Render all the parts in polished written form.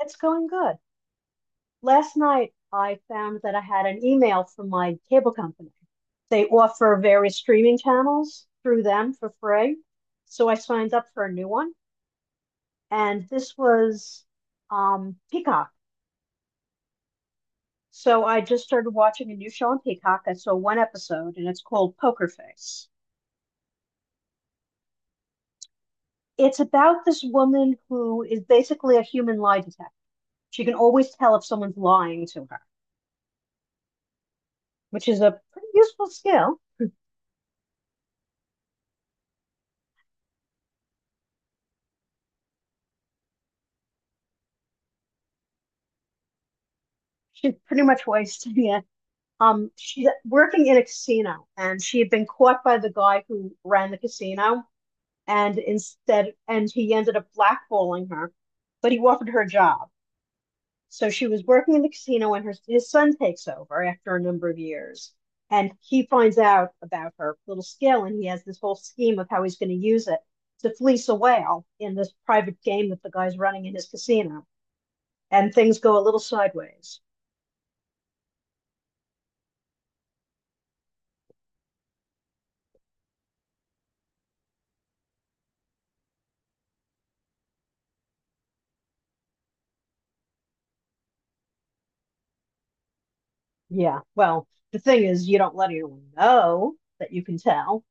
It's going good. Last night, I found that I had an email from my cable company. They offer various streaming channels through them for free. So I signed up for a new one, and this was Peacock. So I just started watching a new show on Peacock. I saw one episode, and it's called Poker Face. It's about this woman who is basically a human lie detector. She can always tell if someone's lying to her, which is a pretty useful skill. She's pretty much wasting it. She's working in a casino, and she had been caught by the guy who ran the casino, and instead, and he ended up blackballing her, but he offered her a job. So she was working in the casino, and her his son takes over after a number of years, and he finds out about her little skill, and he has this whole scheme of how he's going to use it to fleece a whale in this private game that the guy's running in his casino, and things go a little sideways. Yeah. Well, the thing is, you don't let anyone know that you can tell.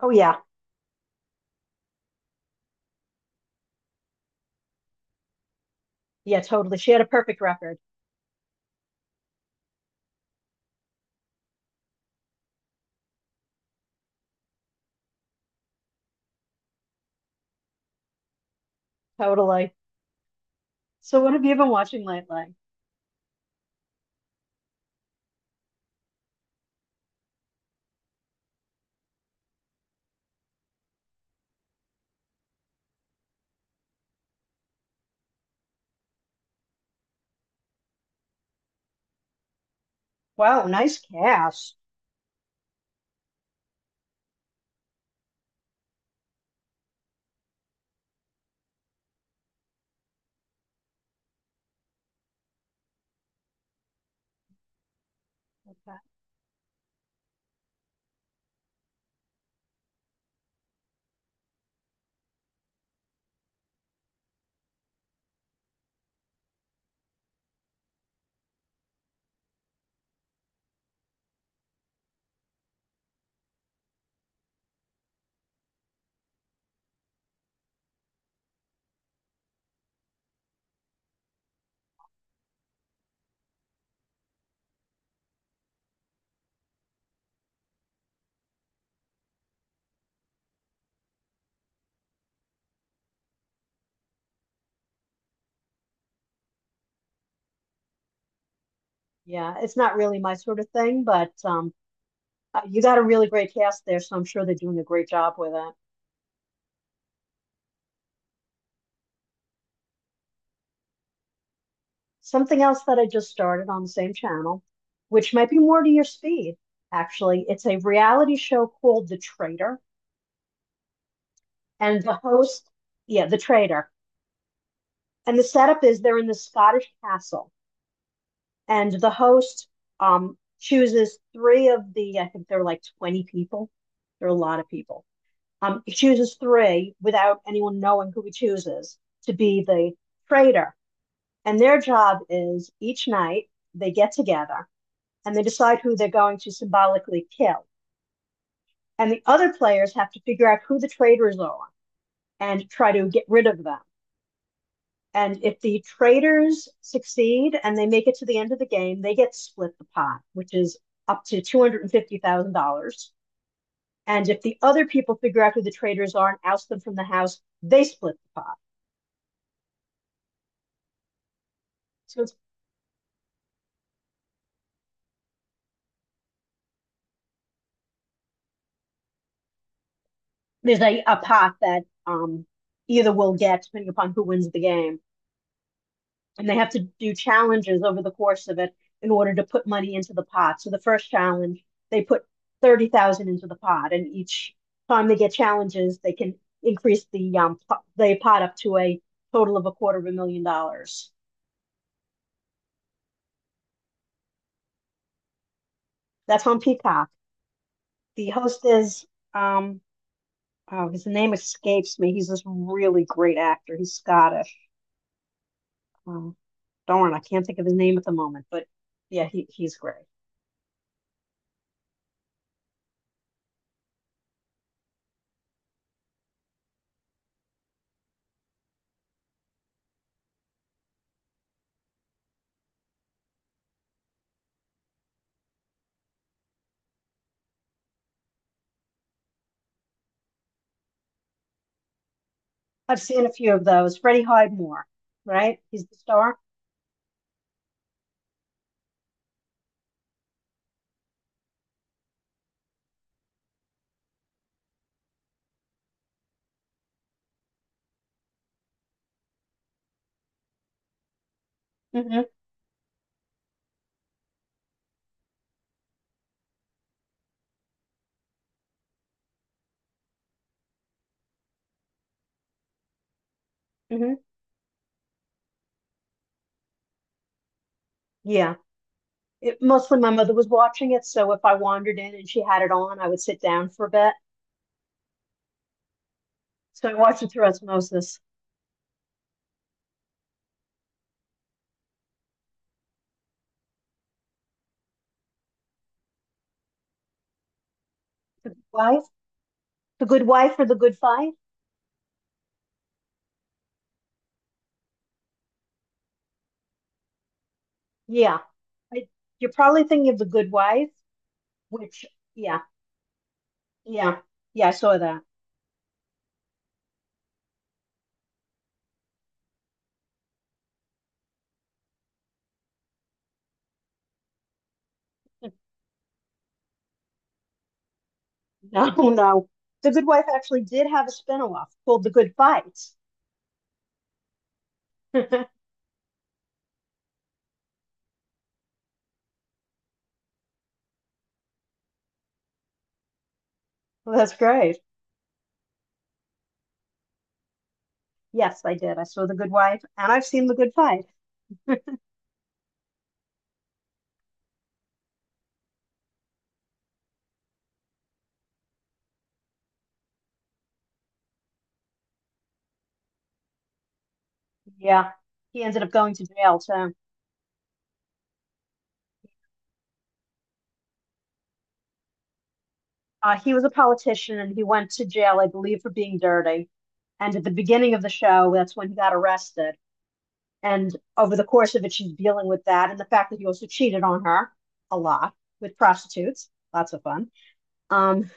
Oh, yeah. Yeah, totally. She had a perfect record. Totally. So, what have you been watching lately? Wow, nice cast. Okay. Yeah, it's not really my sort of thing, but you got a really great cast there, so I'm sure they're doing a great job with it. Something else that I just started on the same channel, which might be more to your speed, actually. It's a reality show called The Traitor, and the host, yeah, The Traitor. And the setup is they're in the Scottish castle, and the host chooses three of the, I think they're like 20 people. There are a lot of people. He chooses three without anyone knowing who he chooses to be the traitor. And their job is each night they get together and they decide who they're going to symbolically kill. And the other players have to figure out who the traitors are and try to get rid of them. And if the traders succeed and they make it to the end of the game, they get split the pot, which is up to $250,000. And if the other people figure out who the traders are and oust them from the house, they split the pot. So it's, there's a pot that either will get, depending upon who wins the game, and they have to do challenges over the course of it in order to put money into the pot. So the first challenge, they put 30,000 into the pot, and each time they get challenges, they can increase the pot up to a total of a quarter of $1 million. That's on Peacock. The host is um oh, his name escapes me. He's this really great actor. He's Scottish. Um, darn, I can't think of his name at the moment, but yeah, he's great. I've seen a few of those. Freddie Highmore, right? He's the star. Hmm. Hmm. Yeah. It, mostly my mother was watching it, so if I wandered in and she had it on, I would sit down for a bit. So I watched it through osmosis. The Good Wife? The Good Wife or The Good Fight? Yeah. I, you're probably thinking of The Good Wife, which, yeah, yeah, yeah, I saw that. No, no. The Good Wife actually did have a spin-off called The Good Fight. Well, that's great. Yes, I did. I saw The Good Wife, and I've seen The Good Fight. Yeah. He ended up going to jail, too. He was a politician and he went to jail, I believe, for being dirty. And at the beginning of the show, that's when he got arrested. And over the course of it, she's dealing with that and the fact that he also cheated on her a lot with prostitutes. Lots of fun. Um,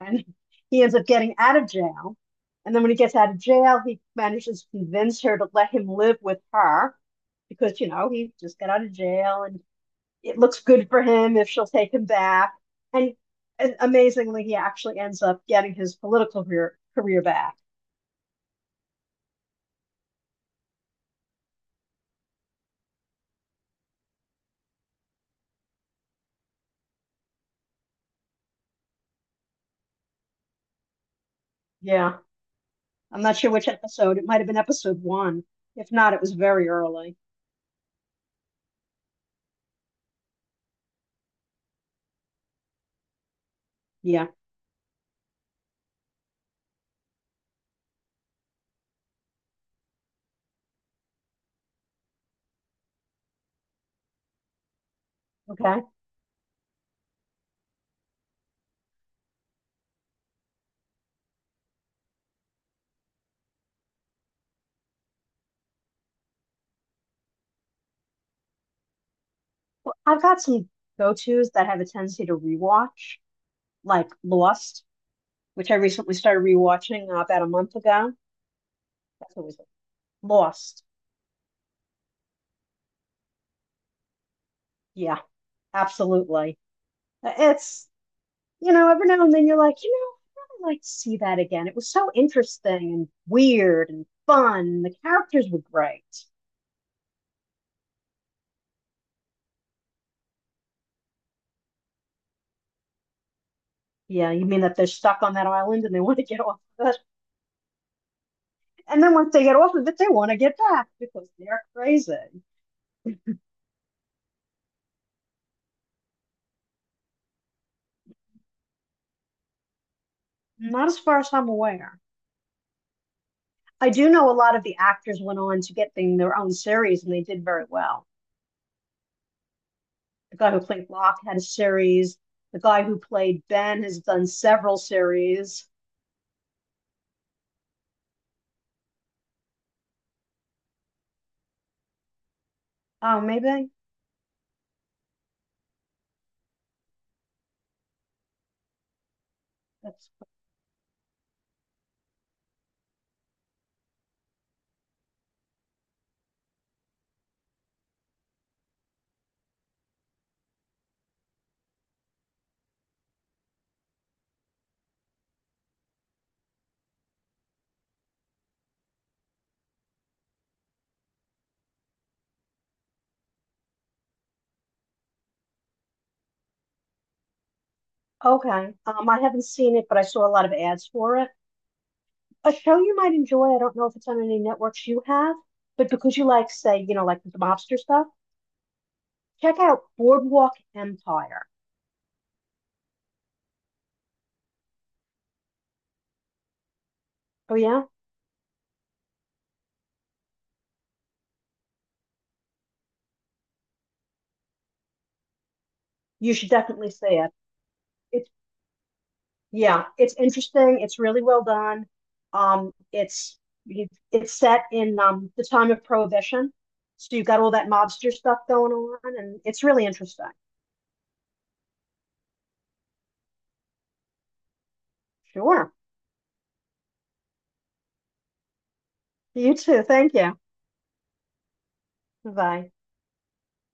and he ends up getting out of jail. And then when he gets out of jail, he manages to convince her to let him live with her because, you know, he just got out of jail and it looks good for him if she'll take him back. And, and amazingly, he actually ends up getting his career back. Yeah. I'm not sure which episode. It might have been episode one. If not, it was very early. Yeah. Okay. Well, I've got some go tos that have a tendency to rewatch, like Lost, which I recently started rewatching about a month ago. That's always Lost. Yeah, absolutely. It's you know, every now and then you're like, you know, I'd really like to see that again. It was so interesting and weird and fun. The characters were great. Yeah, you mean that they're stuck on that island and they want to get off of it? And then once they get off of it, they want to get back because they're crazy. Not as far as I'm aware. I do know a lot of the actors went on to get their own series and they did very well. The guy who played Locke had a series. The guy who played Ben has done several series. Oh, maybe that's okay. I haven't seen it, but I saw a lot of ads for it. A show you might enjoy, I don't know if it's on any networks you have, but because you like, say, you know, like the mobster stuff, check out Boardwalk Empire. Oh, yeah? You should definitely see it. It's, yeah, it's interesting. It's really well done. Um, it's it's set in the time of Prohibition. So you have got all that mobster stuff going on, and it's really interesting. Sure. You too. Thank you. Bye.